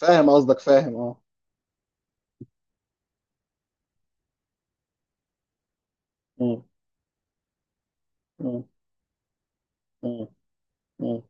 فاهم قصدك، فاهم، اه. مم. مم. مم. مم.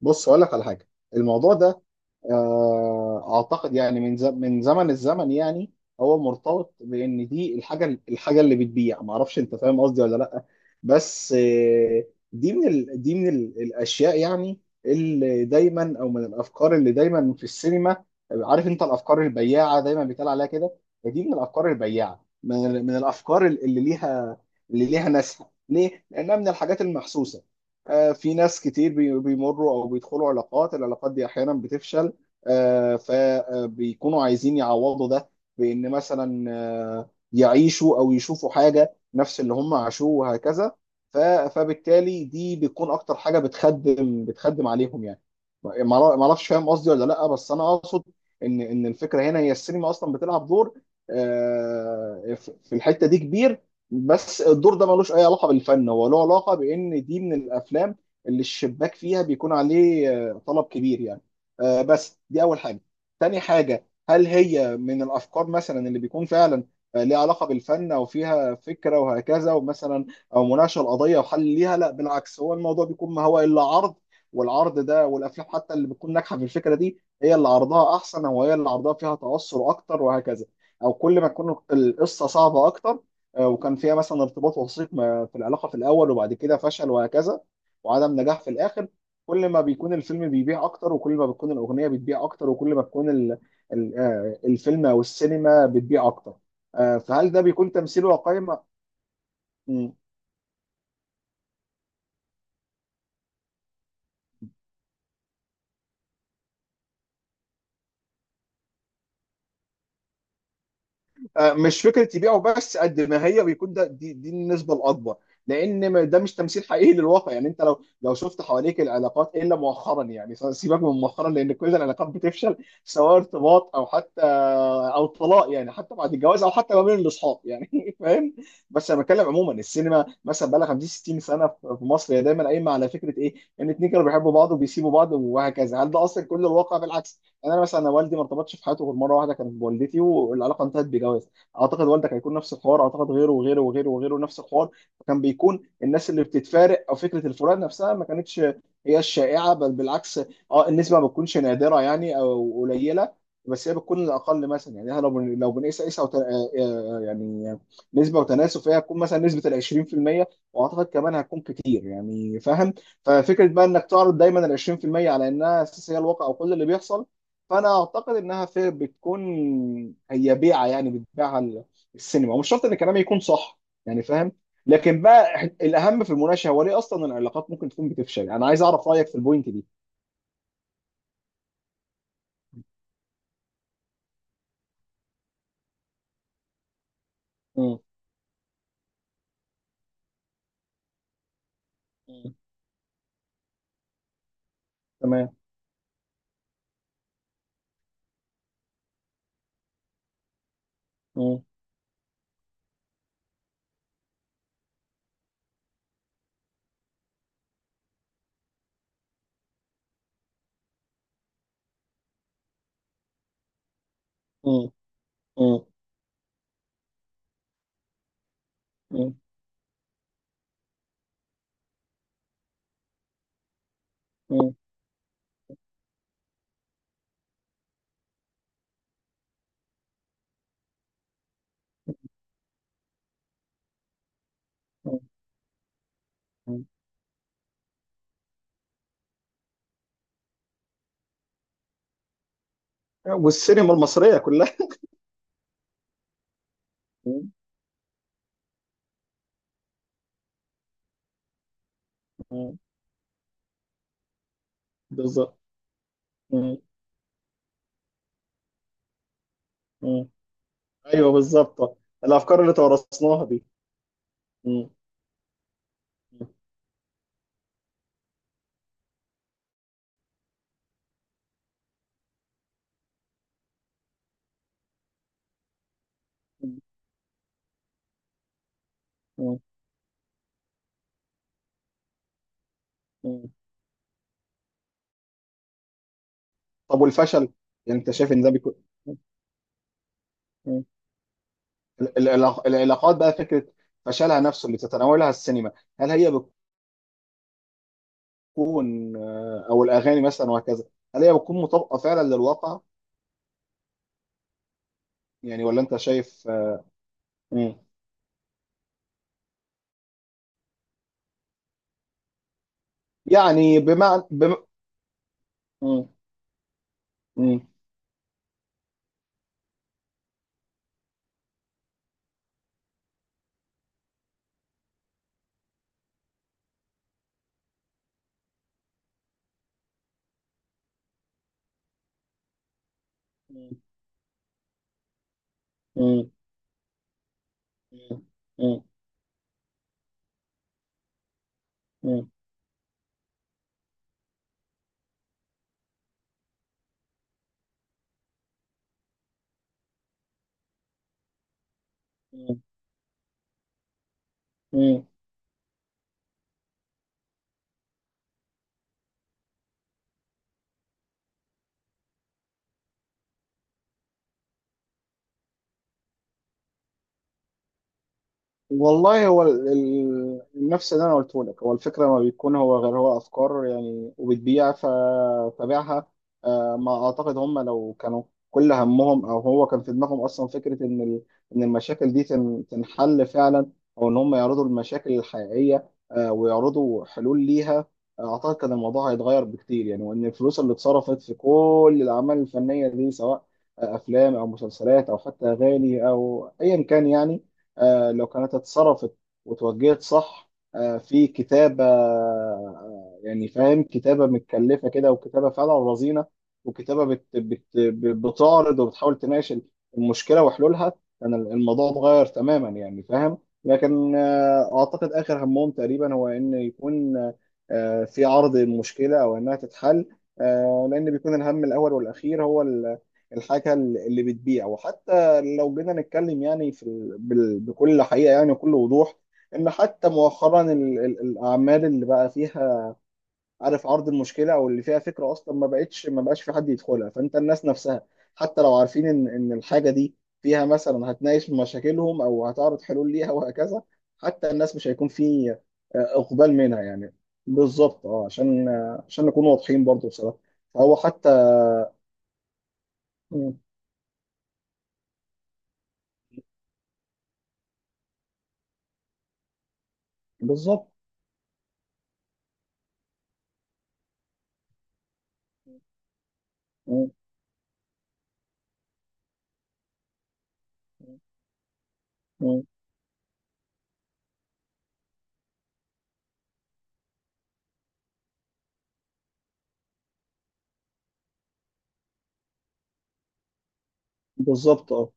بص، اقول لك على حاجه. الموضوع ده، اعتقد يعني من زمن الزمن يعني. هو مرتبط بان دي الحاجه اللي بتبيع. ما اعرفش، انت فاهم قصدي ولا لا؟ بس دي من الاشياء يعني، اللي دايما او من الافكار اللي دايما في السينما. عارف انت الافكار البياعه دايما بيتقال عليها كده. دي من الافكار البياعه، من الافكار اللي ليها ناسها. ليه؟ لانها من الحاجات المحسوسه. في ناس كتير بيمروا او بيدخلوا العلاقات دي، احيانا بتفشل. فبيكونوا عايزين يعوضوا ده، بإن مثلا يعيشوا أو يشوفوا حاجة نفس اللي هم عاشوه وهكذا. ف- فبالتالي دي بتكون أكتر حاجة بتخدم عليهم يعني. ما أعرفش، فاهم قصدي ولا لأ؟ بس أنا أقصد إن الفكرة هنا، هي السينما أصلا بتلعب دور في الحتة دي كبير. بس الدور ده ملوش أي علاقة بالفن، هو له علاقة بإن دي من الأفلام اللي الشباك فيها بيكون عليه طلب كبير يعني. بس دي اول حاجه. تاني حاجه، هل هي من الافكار مثلا اللي بيكون فعلا ليها علاقه بالفن، او فيها فكره وهكذا، ومثلا او مناقشه القضيه وحل ليها؟ لا بالعكس، هو الموضوع بيكون ما هو الا عرض. والعرض ده، والافلام حتى اللي بتكون ناجحه في الفكره دي، هي اللي عرضها احسن، او هي اللي عرضها فيها توسع اكتر وهكذا. او كل ما تكون القصه صعبه اكتر، وكان فيها مثلا ارتباط وثيق في العلاقه في الاول، وبعد كده فشل وهكذا، وعدم نجاح في الاخر، كل ما بيكون الفيلم بيبيع اكتر، وكل ما بتكون الاغنيه بتبيع اكتر، وكل ما بتكون ال ال آه، الفيلم او السينما بتبيع اكتر. فهل ده بيكون تمثيل واقعي؟ ما- مش فكره يبيعه بس، قد ما هي بيكون ده، دي النسبه الاكبر، لان ده مش تمثيل حقيقي للواقع. يعني انت لو شفت حواليك العلاقات الا مؤخرا، يعني سيبك من مؤخرا، لان كل العلاقات بتفشل، سواء ارتباط او حتى او طلاق، يعني حتى بعد الجواز، او حتى ما بين الاصحاب يعني فاهم. بس انا بتكلم عموما، السينما مثلا بقى لها 50 60 سنه في مصر، هي دايما قايمه على فكره ايه؟ ان اتنين كانوا بيحبوا بعض وبيسيبوا بعض وهكذا. هل ده اصلا كل الواقع؟ بالعكس، يعني انا مثلا أنا والدي ما ارتبطش في حياته غير مره واحده، كانت بوالدتي، والعلاقه انتهت بجواز. اعتقد والدك هيكون نفس الحوار، اعتقد غيره وغيره وغيره وغيره نفس الحوار. فكان بيكون الناس اللي بتتفارق، او فكره الفراق نفسها، ما كانتش هي الشائعه، بل بالعكس. اه النسبه ما بتكونش نادره يعني او قليله، بس هي بتكون الاقل مثلا. يعني إحنا لو بنقيس قيسه يعني نسبه وتناسب، فهي هتكون مثلا نسبه ال 20%. واعتقد كمان هتكون كتير، يعني فاهم. ففكره بقى انك تعرض دايما ال 20% على انها اساس، هي الواقع وكل اللي بيحصل. فانا اعتقد انها في بتكون، هي بيعه يعني، بتبيعها السينما، ومش شرط ان كلامي يكون صح، يعني فاهم. لكن بقى الاهم في المناقشه، هو ليه اصلا العلاقات ممكن تكون بتفشل. انا عايز اعرف رايك في البوينت دي. مم. مم. تمام. مم. مم. مم. مم. مم. مم. والسينما المصريه كلها. مم. مم. بالظبط. مم. مم. ايوه، بالظبط. الافكار اللي تورثناها دي. مم. مم. مم. مم. طب، والفشل؟ يعني انت شايف ان ده بيكون، العلاقات بقى، فكره فشلها نفسه اللي تتناولها السينما، هل هي بتكون او الاغاني مثلا وهكذا، هل هي بتكون مطابقه فعلا للواقع؟ يعني ولا انت شايف؟ مم. يعني بمعنى. مم. مم. مم. مم. مم. مم. مم. والله، هو نفس اللي انا قلته لك، هو الفكره، ما بيكون هو غير هو افكار يعني، وبتبيع فتابعها. ما اعتقد هم لو كانوا كل همهم، او هو كان في دماغهم اصلا فكره، ان ان المشاكل دي تنحل فعلا، او ان هم يعرضوا المشاكل الحقيقيه ويعرضوا حلول ليها، اعتقد كان الموضوع هيتغير بكتير. يعني وان الفلوس اللي اتصرفت في كل الاعمال الفنيه دي، سواء افلام او مسلسلات او حتى اغاني او ايا كان، يعني لو كانت اتصرفت وتوجهت صح، في كتابة، يعني فاهم، كتابة متكلفة كده، وكتابة فعلا رزينة، وكتابة بت بت بتعرض وبتحاول تناقش المشكلة وحلولها، كان الموضوع اتغير تماما، يعني فاهم. لكن أعتقد آخر همهم تقريبا هو إن يكون في عرض المشكلة، أو إنها تتحل. لأن بيكون الهم الأول والأخير، هو الحاجة اللي بتبيع. وحتى لو جينا نتكلم يعني بكل حقيقة، يعني وكل وضوح، إن حتى مؤخرا الأعمال اللي بقى فيها، عارف، عرض المشكلة أو اللي فيها فكرة أصلا، ما بقاش في حد يدخلها. فأنت الناس نفسها، حتى لو عارفين إن الحاجة دي فيها مثلا هتناقش مشاكلهم، أو هتعرض حلول ليها وهكذا، حتى الناس مش هيكون في إقبال منها يعني. بالظبط أه، عشان عشان نكون واضحين برضو بصراحة. فهو حتى. مم. بالظبط. مم. مم. بالظبط أه.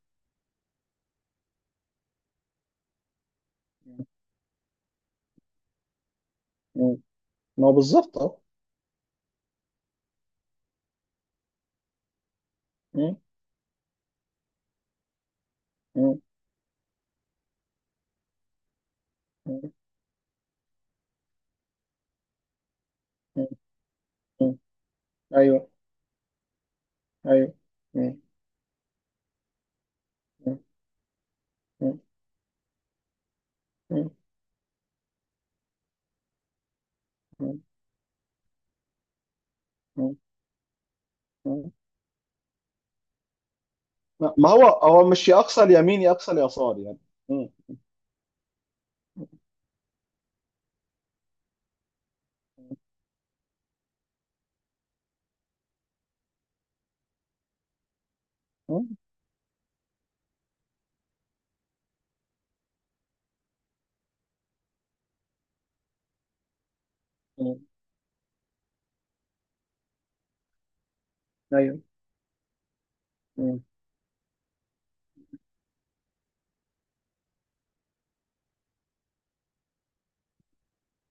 مم. ما هو بالظبط اه. مم. مم. مم. مم. مم. ايوه. ايوه. مم. مم. مم. مم. مم. مم. مم. لا، ما هو هو مش يا اقصى اليمين يا اقصى اليسار يعني. مم. مم. مم. ايوه. مم.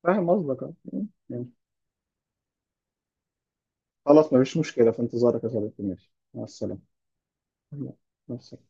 فاهم قصدك اه. مم. مم. خلاص، ما فيش مشكله، في انتظارك يا صديقي، ماشي، مع السلامه. مع السلامه.